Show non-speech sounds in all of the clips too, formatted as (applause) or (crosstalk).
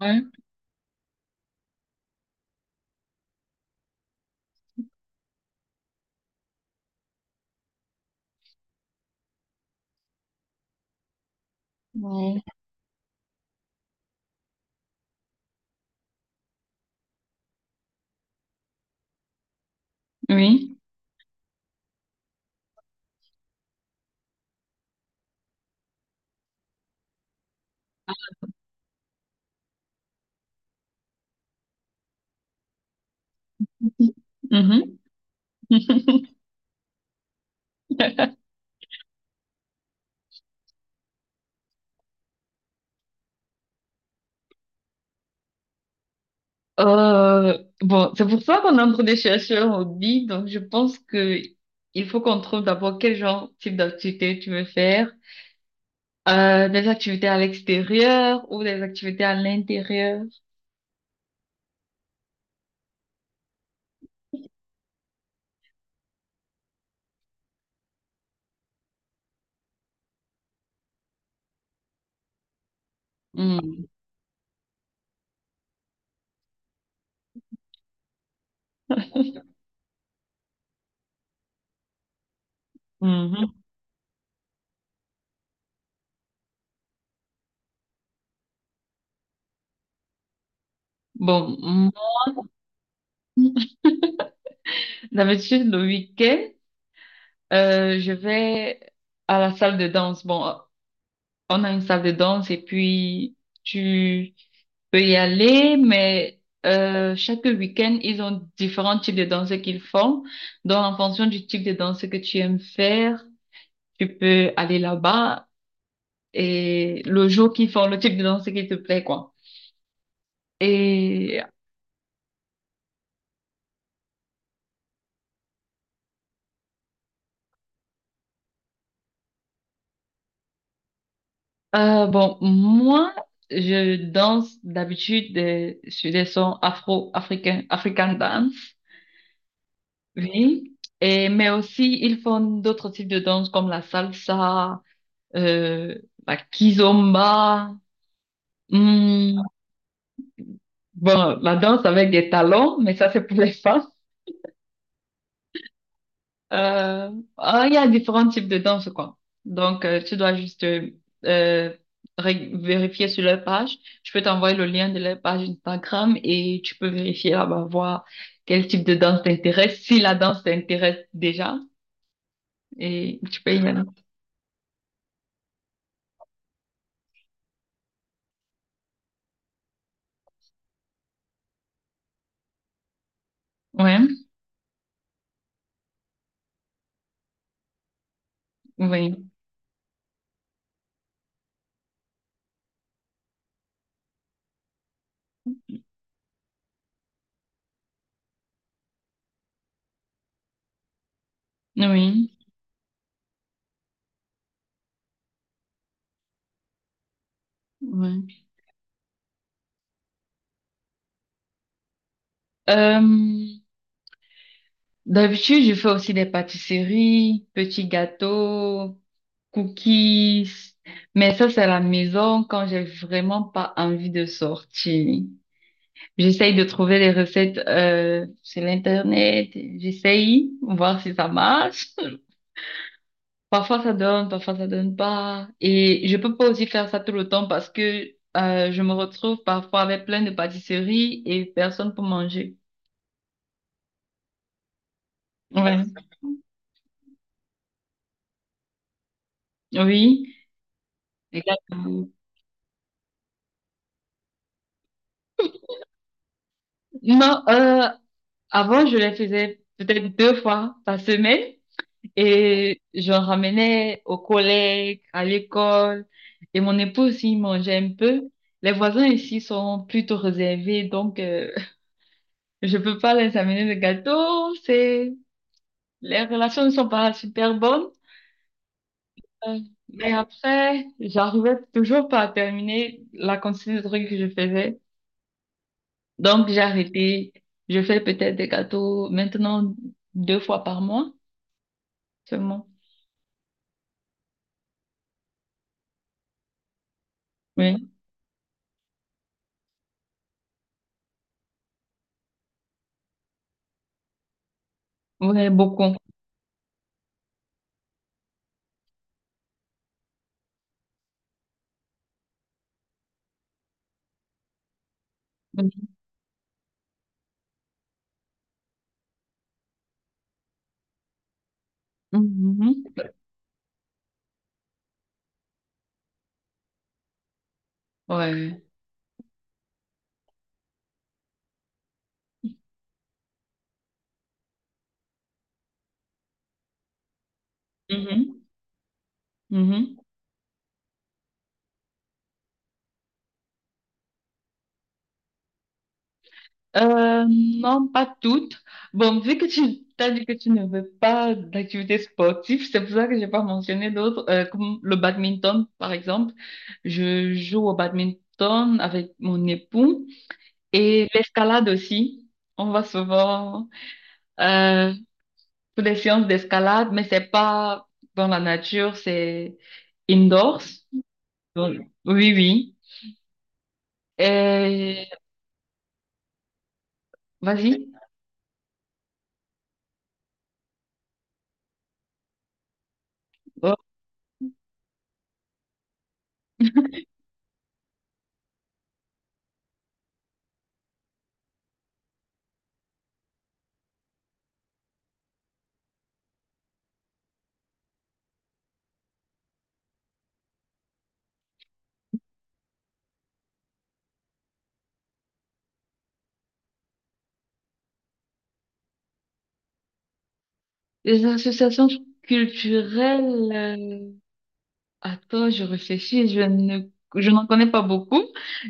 Ouais. Ouais. Oui. Mhm. (laughs) Bon, c'est pour ça qu'on entre des chercheurs au dit. Donc, je pense que il faut qu'on trouve d'abord quel genre, type d'activité tu veux faire. Des activités à l'extérieur ou des activités à l'intérieur. Hmm. Mhm. Bon, d'habitude, le week-end, je vais à la salle de danse. Bon, on a une salle de danse et puis tu peut y aller, mais chaque week-end, ils ont différents types de danses qu'ils font. Donc, en fonction du type de danse que tu aimes faire, tu peux aller là-bas et le jour qu'ils font le type de danse qui te plaît, quoi. Et bon, moi, je danse d'habitude sur des sons afro-africains, African dance, oui. Et, mais aussi, ils font d'autres types de danse comme la salsa, euh, la kizomba. Hmm, bon, la danse avec des talons, mais ça, c'est pour les (laughs) femmes. Euh, il y a différents types de danse, quoi. Donc, tu dois juste euh, vérifier sur leur page. Je peux t'envoyer le lien de leur page Instagram et tu peux vérifier là-bas, voir quel type de danse t'intéresse, si la danse t'intéresse déjà. Et tu peux y aller. Ouais, oui, oui, oui. Euh, D'habitude, je fais aussi des pâtisseries, petits gâteaux. Cookies. Mais ça, c'est à la maison quand j'ai vraiment pas envie de sortir. J'essaye de trouver les recettes sur l'internet. J'essaye, voir si ça marche. (laughs) Parfois ça donne pas. Et je peux pas aussi faire ça tout le temps parce que je me retrouve parfois avec plein de pâtisseries et personne pour manger. Ouais. Oui. Les Non, avant je les faisais peut-être deux fois par semaine. Et j'en ramenais aux collègues, à l'école. Et mon époux aussi il mangeait un peu. Les voisins ici sont plutôt réservés, donc (laughs) je peux pas les amener de gâteau. C'est... Les relations ne sont pas super bonnes. Euh, mais après, j'arrivais toujours pas à terminer la quantité de trucs que je faisais. Donc j'ai arrêté. Je fais peut-être des gâteaux maintenant deux fois par mois seulement. Oui, ouais, beaucoup. Oui. Mhm. Ouais. Mhm, mhm. Non, pas toutes. Bon, vu que tu t'as dit que tu ne veux pas d'activité sportive, c'est pour ça que j'ai pas mentionné d'autres, comme le badminton, par exemple. Je joue au badminton avec mon époux et l'escalade aussi. On va souvent euh, pour des séances d'escalade, mais c'est pas dans la nature, c'est indoors. Donc, oui, oui. Et vas-y. Les associations culturelles, attends, je réfléchis, je n'en connais pas beaucoup.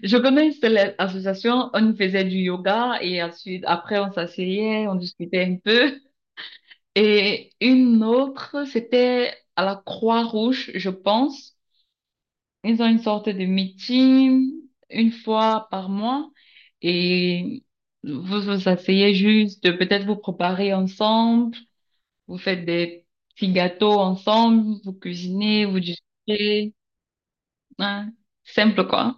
Je connais une seule association, on y faisait du yoga et ensuite, après, on s'asseyait, on discutait un peu. Et une autre, c'était à la Croix-Rouge, je pense. Ils ont une sorte de meeting une fois par mois et vous vous asseyez juste, peut-être vous préparez ensemble. Vous faites des petits gâteaux ensemble, vous cuisinez, vous discutez. Hein. Simple, quoi.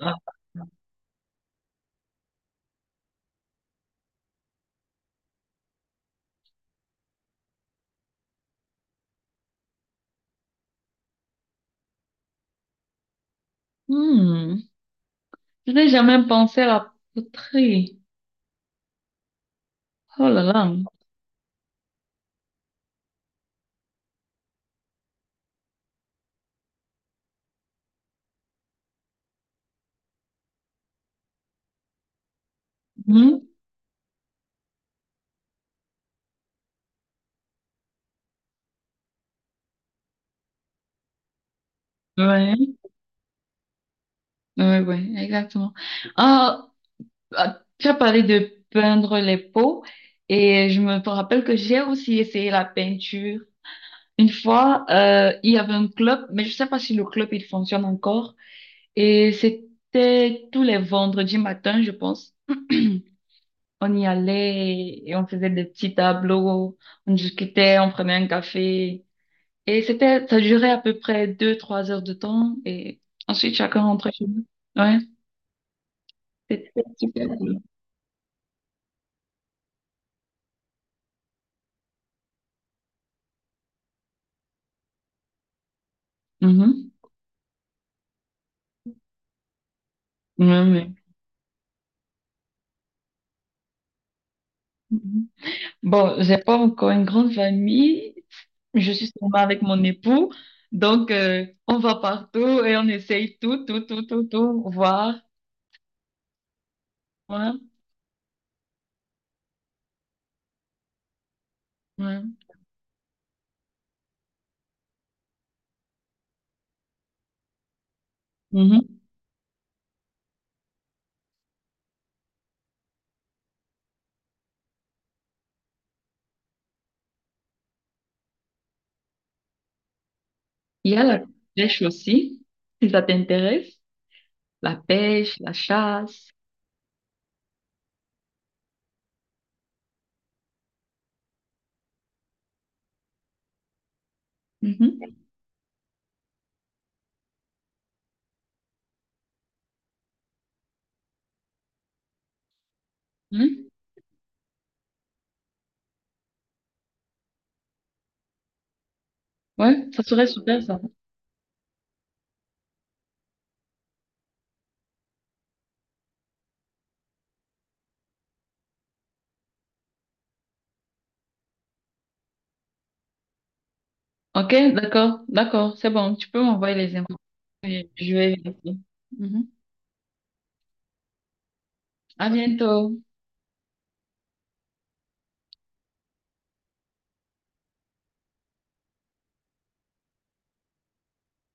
Ah, hmm. Je n'ai jamais pensé à la poterie. Oh là là. Hmm. Ouais. Ouais, ouais, exactement. Ah, ah, tu as parlé de peindre les peaux et je me rappelle que j'ai aussi essayé la peinture. Une fois, il y avait un club, mais je sais pas si le club il fonctionne encore. Et c'était tous les vendredis matin, je pense. On y allait et on faisait des petits tableaux, on discutait, on prenait un café. Et c'était, ça durait à peu près deux, trois heures de temps et ensuite chacun rentrait chez nous. Ouais, c'était super cool. Mhm. Ouais, ouais. Mhm. Bon, j'ai pas encore une grande famille. Je suis seulement avec mon époux. Donc, on va partout et on essaye tout, tout, tout, tout, tout, voir. Ouais, ouais. Mhm. Il y a la pêche aussi, si ça t'intéresse. La pêche, la chasse. Mhm. Hmm? Ouais, ça serait super ça. Ok, d'accord, d'accord, c'est bon. Tu peux m'envoyer les infos et je vais vérifier. Mhm. À bientôt.